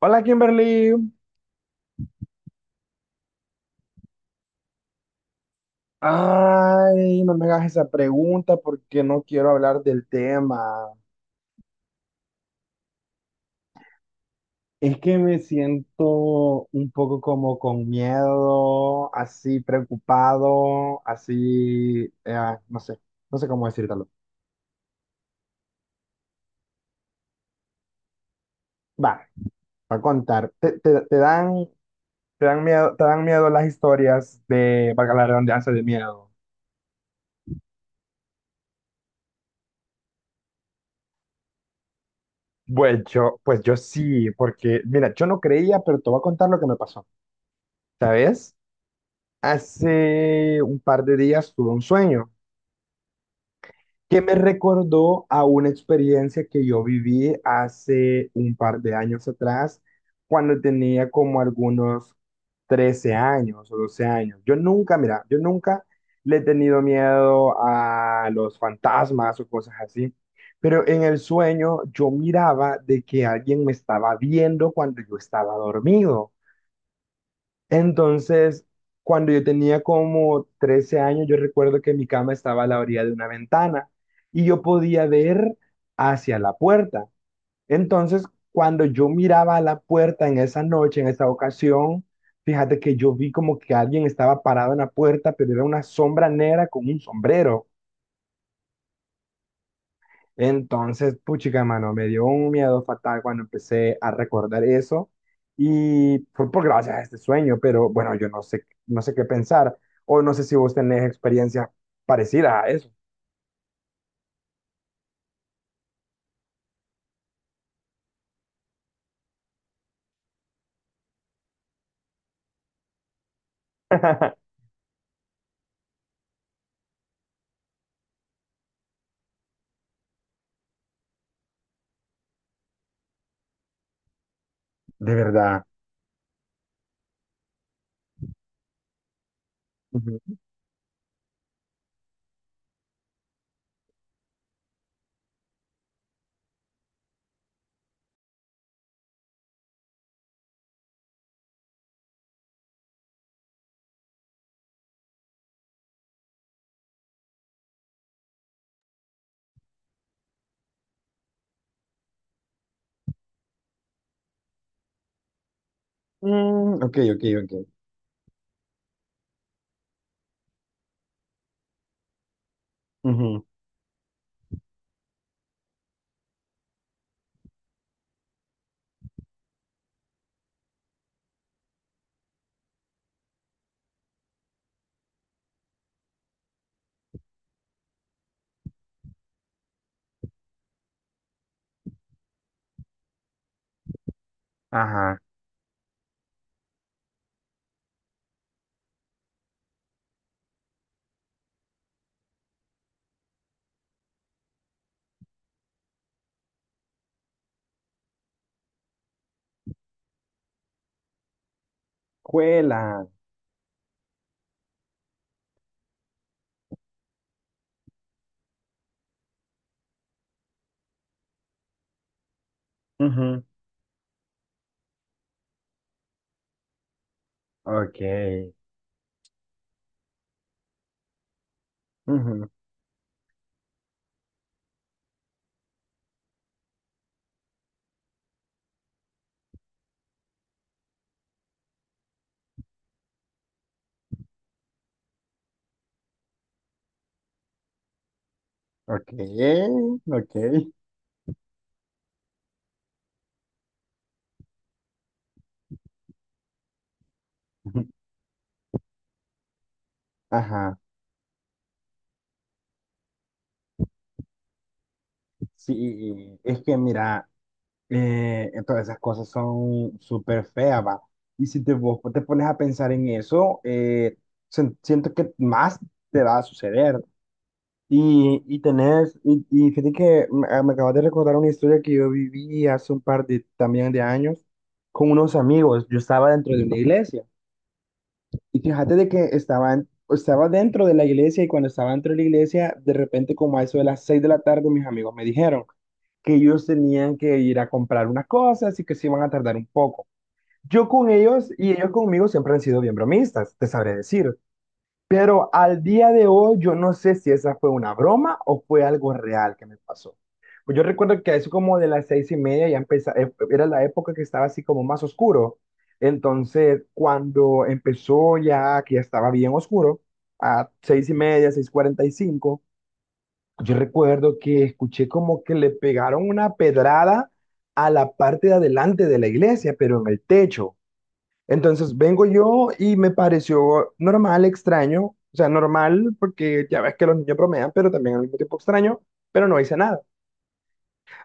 Hola, Kimberly. Ay, no me hagas esa pregunta porque no quiero hablar del tema. Es que me siento un poco como con miedo, así preocupado, así, no sé cómo decírtelo. Va, va a contar. Te dan miedo las historias de, valga la redundancia, de miedo. Pues yo sí, porque, mira, yo no creía, pero te voy a contar lo que me pasó, ¿sabes? Hace un par de días tuve un sueño que me recordó a una experiencia que yo viví hace un par de años atrás, cuando tenía como algunos 13 años o 12 años. Yo nunca, mira, yo nunca le he tenido miedo a los fantasmas o cosas así, pero en el sueño yo miraba de que alguien me estaba viendo cuando yo estaba dormido. Entonces, cuando yo tenía como 13 años, yo recuerdo que mi cama estaba a la orilla de una ventana y yo podía ver hacia la puerta. Entonces, cuando yo miraba a la puerta en esa noche, en esa ocasión, fíjate que yo vi como que alguien estaba parado en la puerta, pero era una sombra negra con un sombrero. Entonces, puchica, mano, me dio un miedo fatal cuando empecé a recordar eso y fue por gracias a este sueño, pero bueno, yo no sé, no sé qué pensar o no sé si vos tenés experiencias parecidas a eso. De verdad. Ujú. Mm, ok, ok, ok. Ujú. Ajá. Cuela. Ujú. Ok. Ujú. Ok. Ok. Ajá. Sí, es que mira. Entonces esas cosas son súper feas, va. Y si vos te pones a pensar en eso, siento que más te va a suceder. Y tenés, y fíjate que me acabas de recordar una historia que yo viví hace un par de, también de años con unos amigos. Yo estaba dentro de una iglesia. Y fíjate de que estaba dentro de la iglesia y cuando estaba dentro de la iglesia, de repente como a eso de las 6 de la tarde, mis amigos me dijeron que ellos tenían que ir a comprar unas cosas y que se iban a tardar un poco. Yo con ellos y ellos conmigo siempre han sido bien bromistas, te sabré decir. Pero al día de hoy yo no sé si esa fue una broma o fue algo real que me pasó. Pues yo recuerdo que a eso como de las 6:30 ya empezaba, era la época que estaba así como más oscuro. Entonces, cuando empezó ya, que ya estaba bien oscuro, a 6:30, 6:45, yo recuerdo que escuché como que le pegaron una pedrada a la parte de adelante de la iglesia, pero en el techo. Entonces vengo yo y me pareció normal, extraño, o sea, normal porque ya ves que los niños bromean, pero también al mismo tiempo extraño, pero no hice nada.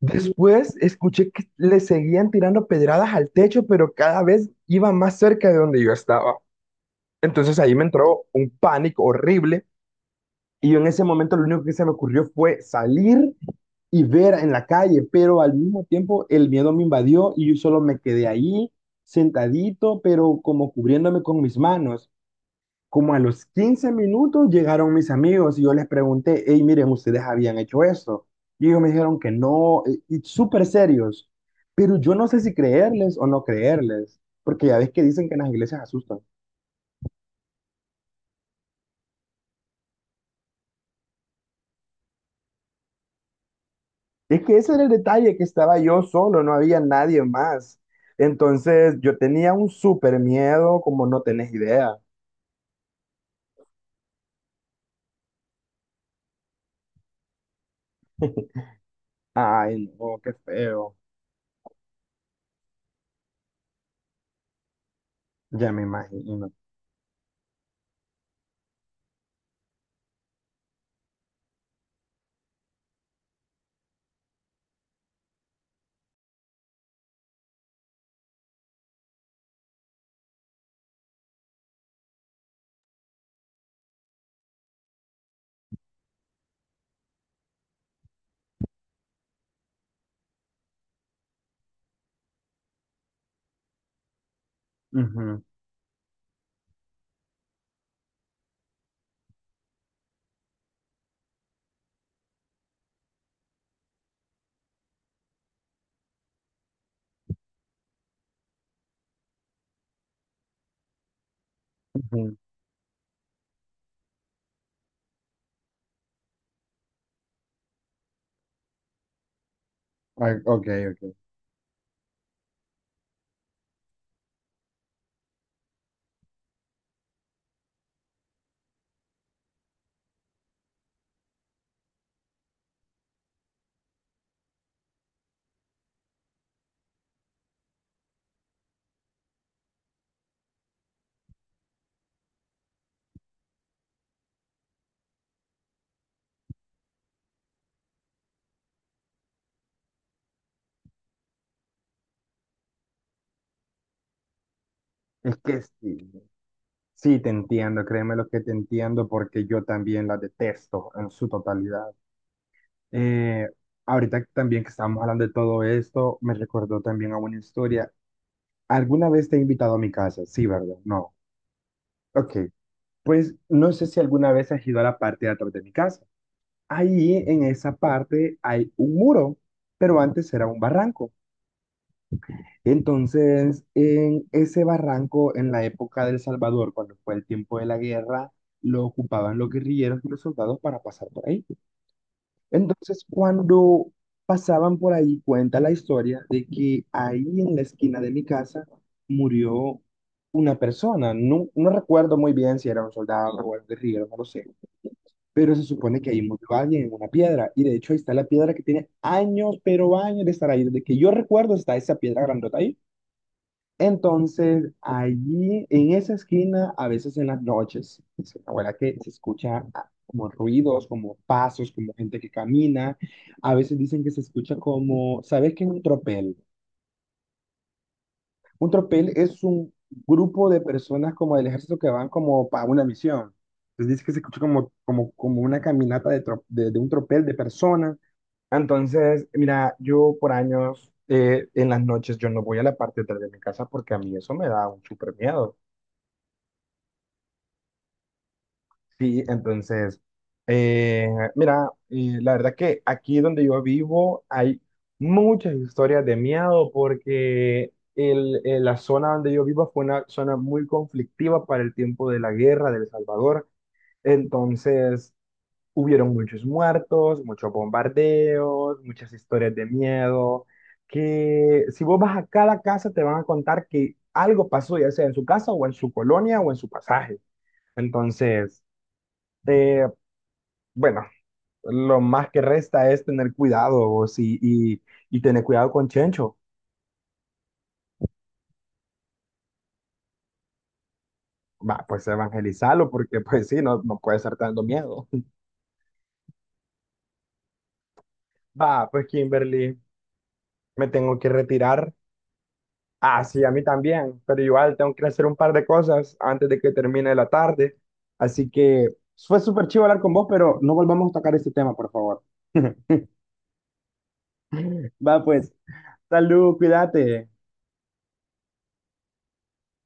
Después escuché que le seguían tirando pedradas al techo, pero cada vez iba más cerca de donde yo estaba. Entonces ahí me entró un pánico horrible y yo en ese momento lo único que se me ocurrió fue salir y ver en la calle, pero al mismo tiempo el miedo me invadió y yo solo me quedé ahí sentadito, pero como cubriéndome con mis manos. Como a los 15 minutos llegaron mis amigos y yo les pregunté, hey, miren, ¿ustedes habían hecho esto? Y ellos me dijeron que no, y súper serios. Pero yo no sé si creerles o no creerles, porque ya ves que dicen que en las iglesias asustan. Es que ese era el detalle, que estaba yo solo, no había nadie más. Entonces yo tenía un súper miedo, como no tenés idea. Ay, no, qué feo. Ya me imagino. Ujú, ujú. Ay, ok, ok. Es que sí. Sí, te entiendo, créeme lo que te entiendo porque yo también la detesto en su totalidad. Eh, ahorita también que estamos hablando de todo esto, me recordó también a una historia. ¿Alguna vez te he invitado a mi casa? Sí, ¿verdad? No. Ok, pues no sé si alguna vez has ido a la parte de atrás de mi casa. Ahí en esa parte hay un muro, pero antes era un barranco. Entonces, en ese barranco, en la época del Salvador, cuando fue el tiempo de la guerra, lo ocupaban los guerrilleros y los soldados para pasar por ahí. Entonces, cuando pasaban por ahí, cuenta la historia de que ahí en la esquina de mi casa murió una persona. No, no recuerdo muy bien si era un soldado o un guerrillero, no lo sé. Pero se supone que ahí murió alguien en una piedra. Y de hecho, ahí está la piedra que tiene años, pero años de estar ahí. Desde que yo recuerdo, está esa piedra grandota ahí. Entonces, allí, en esa esquina, a veces en las noches, dice mi abuela que se escucha como ruidos, como pasos, como gente que camina. A veces dicen que se escucha como, ¿sabes qué es un tropel? Un tropel es un grupo de personas como del ejército que van como para una misión. Entonces dice que se escucha como una caminata de un tropel de personas. Entonces, mira, yo por años, en las noches, yo no voy a la parte de atrás de mi casa porque a mí eso me da un súper miedo. Sí, entonces, eh, mira, la verdad que aquí donde yo vivo hay muchas historias de miedo porque la zona donde yo vivo fue una zona muy conflictiva para el tiempo de la guerra de El Salvador. Entonces, hubieron muchos muertos, muchos bombardeos, muchas historias de miedo, que si vos vas a cada casa te van a contar que algo pasó, ya sea en su casa o en su colonia o en su pasaje. Entonces, eh, bueno, lo más que resta es tener cuidado vos, y tener cuidado con Chencho. Va, pues evangelizarlo, porque pues sí, no, no puede estar dando miedo. Va, pues, Kimberly, me tengo que retirar. Ah, sí, a mí también, pero igual tengo que hacer un par de cosas antes de que termine la tarde. Así que fue súper chido hablar con vos, pero no volvamos a tocar este tema, por favor. Va, pues, salud, cuídate.